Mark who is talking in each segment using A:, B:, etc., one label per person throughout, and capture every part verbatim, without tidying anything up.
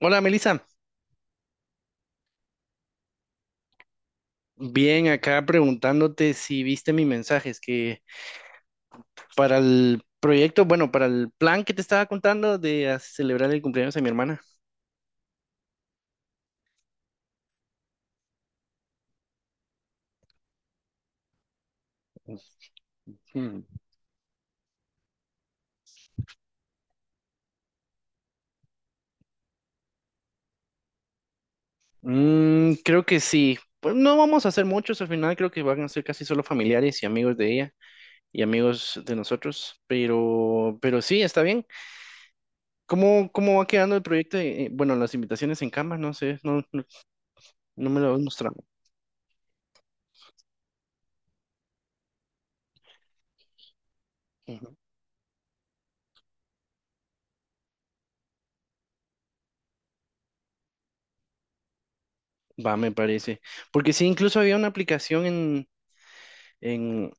A: Hola, Melissa. Bien, acá preguntándote si viste mi mensaje. Es que para el proyecto, bueno, para el plan que te estaba contando de a- celebrar el cumpleaños de mi hermana. Mm, creo que sí. Pues no vamos a hacer muchos, al final creo que van a ser casi solo familiares y amigos de ella y amigos de nosotros, pero, pero sí, está bien. ¿Cómo, cómo va quedando el proyecto? eh, bueno, las invitaciones en cama, no sé, no, no me lo has mostrado. Ujú. Va, me parece. Porque sí, incluso había una aplicación en, en,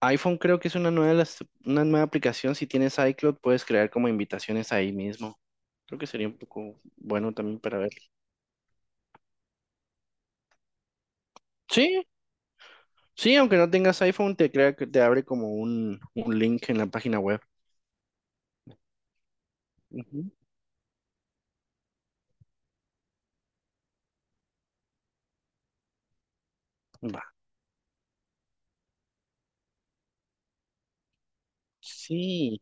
A: iPhone creo que es una nueva, las- una nueva aplicación. Si tienes iCloud, puedes crear como invitaciones ahí mismo. Creo que sería un poco bueno también para ver. Sí, sí, aunque no tengas iPhone, te crea que te abre como un, un link en la página web. Ujú. Va. Sí,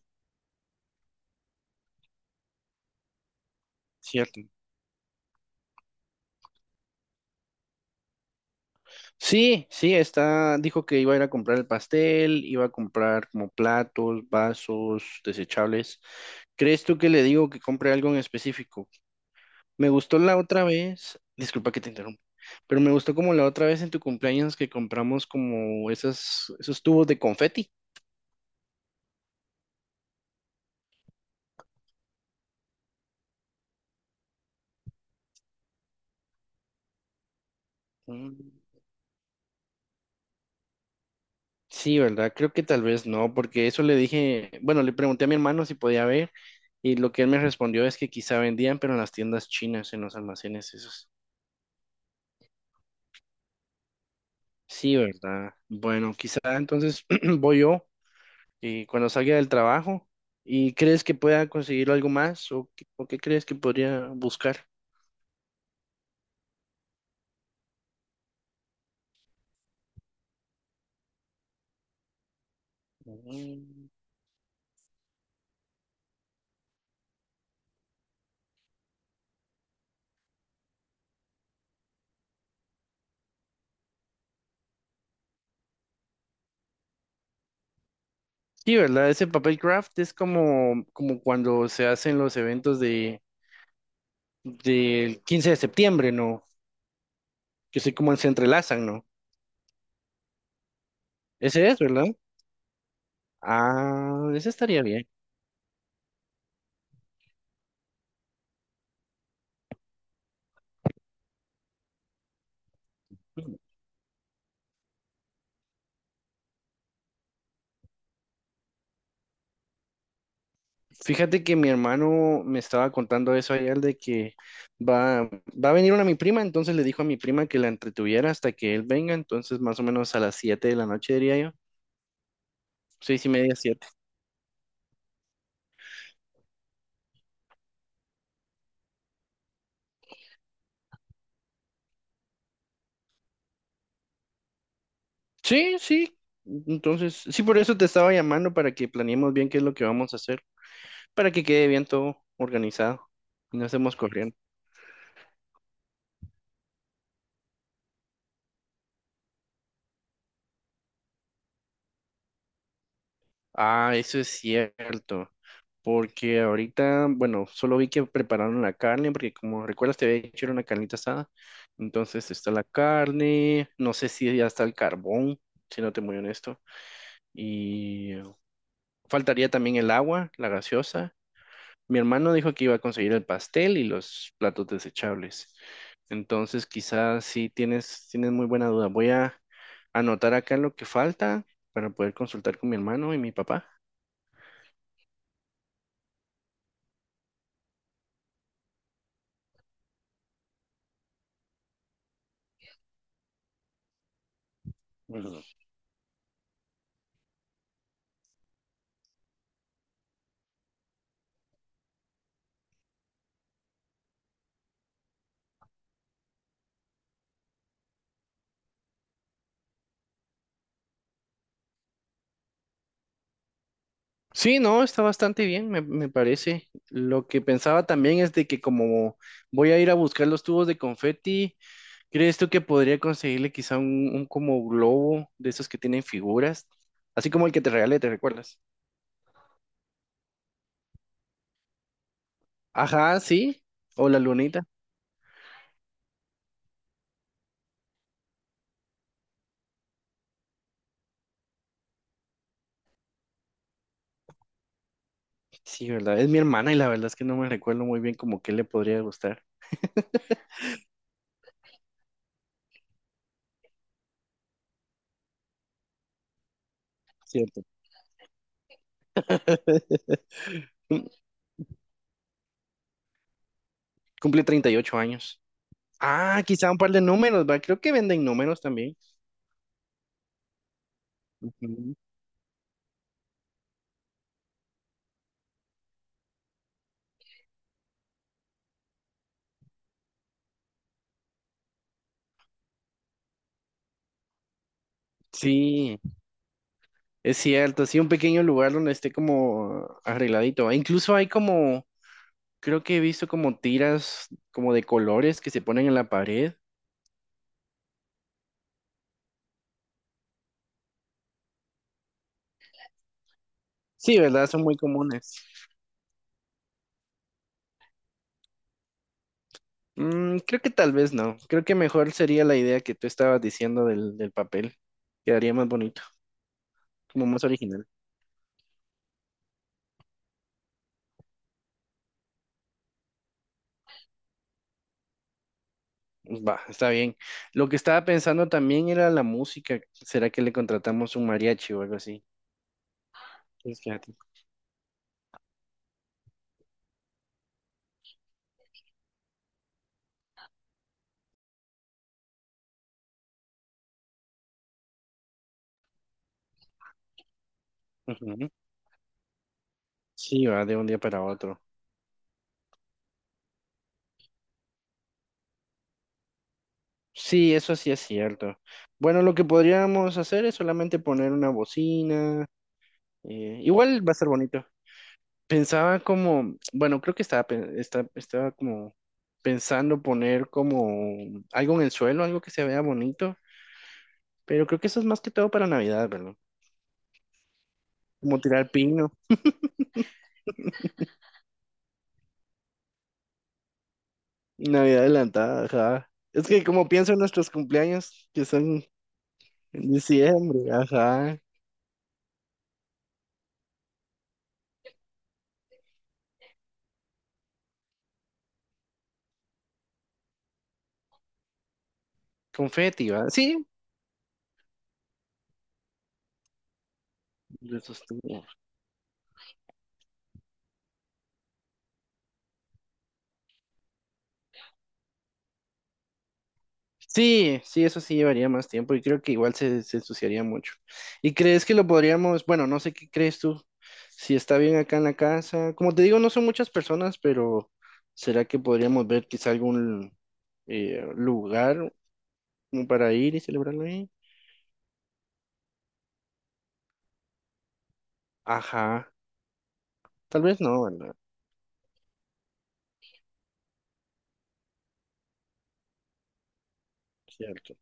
A: cierto. Sí, sí, está, dijo que iba a ir a comprar el pastel, iba a comprar como platos, vasos, desechables. ¿Crees tú que le digo que compre algo en específico? Me gustó la otra vez, disculpa que te interrumpa, pero me gustó como la otra vez en tu cumpleaños que compramos como esas, esos tubos de confeti. Mm, sí, ¿verdad? Creo que tal vez no, porque eso le dije, bueno, le pregunté a mi hermano si podía ver y lo que él me respondió es que quizá vendían, pero en las tiendas chinas, en los almacenes esos. Sí, ¿verdad? Bueno, quizá entonces voy yo y cuando salga del trabajo y crees que pueda conseguir algo más o, qué- o qué crees que podría buscar. Mm. Sí, ¿verdad? Ese papel craft es como, como cuando se hacen los eventos de, del quince de septiembre, ¿no? Que sé cómo se entrelazan, ¿no? Ese es, ¿verdad? Ah, ese estaría bien. Fíjate que mi hermano me estaba contando eso ayer de que va, va a venir una mi prima, entonces le dijo a mi prima que la entretuviera hasta que él venga, entonces más o menos a las siete de la noche diría yo, seis y media, siete. Sí, sí. Entonces, sí, por eso te estaba llamando para que planeemos bien qué es lo que vamos a hacer, para que quede bien todo organizado y no estemos corriendo. Ah, eso es cierto, porque ahorita, bueno, solo vi que prepararon la carne, porque como recuerdas te había hecho una carnita asada, entonces está la carne, no sé si ya está el carbón, si no te muy honesto, y faltaría también el agua, la gaseosa. Mi hermano dijo que iba a conseguir el pastel y los platos desechables. Entonces, quizás sí tienes, tienes muy buena duda. Voy a anotar acá lo que falta para poder consultar con mi hermano y mi papá. Ujú. Sí, no, está bastante bien, me, me parece. Lo que pensaba también es de que como voy a ir a buscar los tubos de confeti, ¿crees tú que podría conseguirle quizá un, un como globo de esos que tienen figuras? Así como el que te regalé, ¿te recuerdas? Ajá, sí. O la lunita. Sí, ¿verdad? Es mi hermana y la verdad es que no me recuerdo muy bien como qué le podría gustar. Cierto. Cumple treinta y ocho años. Ah, quizá un par de números, ¿va? Creo que venden números también. Ujú. Sí, es cierto. Sí, un pequeño lugar donde esté como arregladito. E incluso hay como, creo que he visto como tiras como de colores que se ponen en la pared. Sí, ¿verdad? Son muy comunes. Mm, creo que tal vez no. Creo que mejor sería la idea que tú estabas diciendo del, del papel. Quedaría más bonito, como más original. Va, está bien. Lo que estaba pensando también era la música. ¿Será que le contratamos un mariachi o algo así? Pues fíjate. Ujú. Sí, va de un día para otro. Sí, eso sí es cierto. Bueno, lo que podríamos hacer es solamente poner una bocina. Eh, igual va a ser bonito. Pensaba como, bueno, creo que estaba, pe- esta- estaba como pensando poner como algo en el suelo, algo que se vea bonito, pero creo que eso es más que todo para Navidad, ¿verdad? Como tirar pino. Navidad adelantada, ajá. Es que como pienso en nuestros cumpleaños, que son en diciembre, ajá. Confeti, ¿va? Sí, de esos tiempos. Sí, sí, eso sí llevaría más tiempo y creo que igual se, se ensuciaría mucho. ¿Y crees que lo podríamos, bueno, no sé qué crees tú, si está bien acá en la casa? Como te digo, no son muchas personas, pero ¿será que podríamos ver quizá algún eh, lugar como para ir y celebrarlo ahí? Ajá, tal vez no, ¿verdad? Cierto.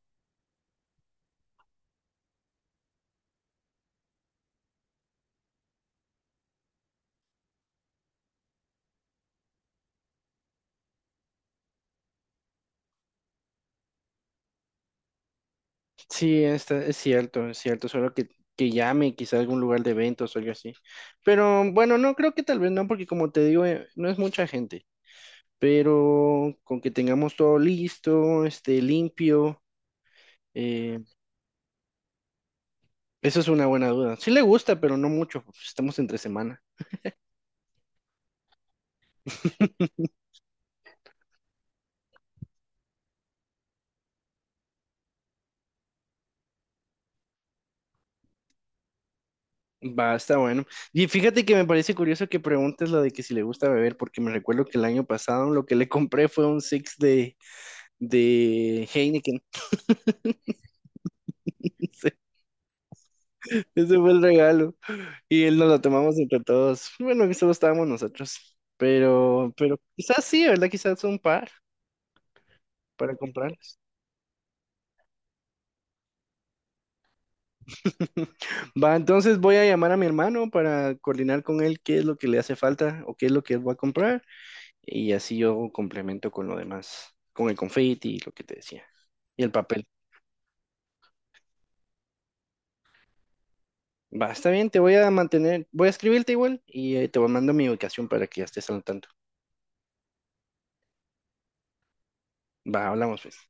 A: Sí, está, es cierto, es cierto, solo que, que llame quizá a algún lugar de eventos o algo así. Pero bueno, no creo que tal vez no, porque como te digo, eh, no es mucha gente, pero con que tengamos todo listo, este, limpio, eh, eso es una buena duda. Sí le gusta, pero no mucho, pues, estamos entre semana. Va, está bueno. Y fíjate que me parece curioso que preguntes lo de que si le gusta beber, porque me recuerdo que el año pasado lo que le compré fue un six de, de Heineken. Ese fue el regalo. Y él nos la tomamos entre todos. Bueno, que solo estábamos nosotros. Pero, pero quizás sí, ¿verdad? Quizás un par para comprarles. Va, entonces voy a llamar a mi hermano para coordinar con él qué es lo que le hace falta o qué es lo que él va a comprar. Y así yo complemento con lo demás, con el confeti y lo que te decía. Y el papel. Va, está bien, te voy a mantener, voy a escribirte igual y eh, te voy mando mi ubicación para que ya estés al tanto. Va, hablamos pues.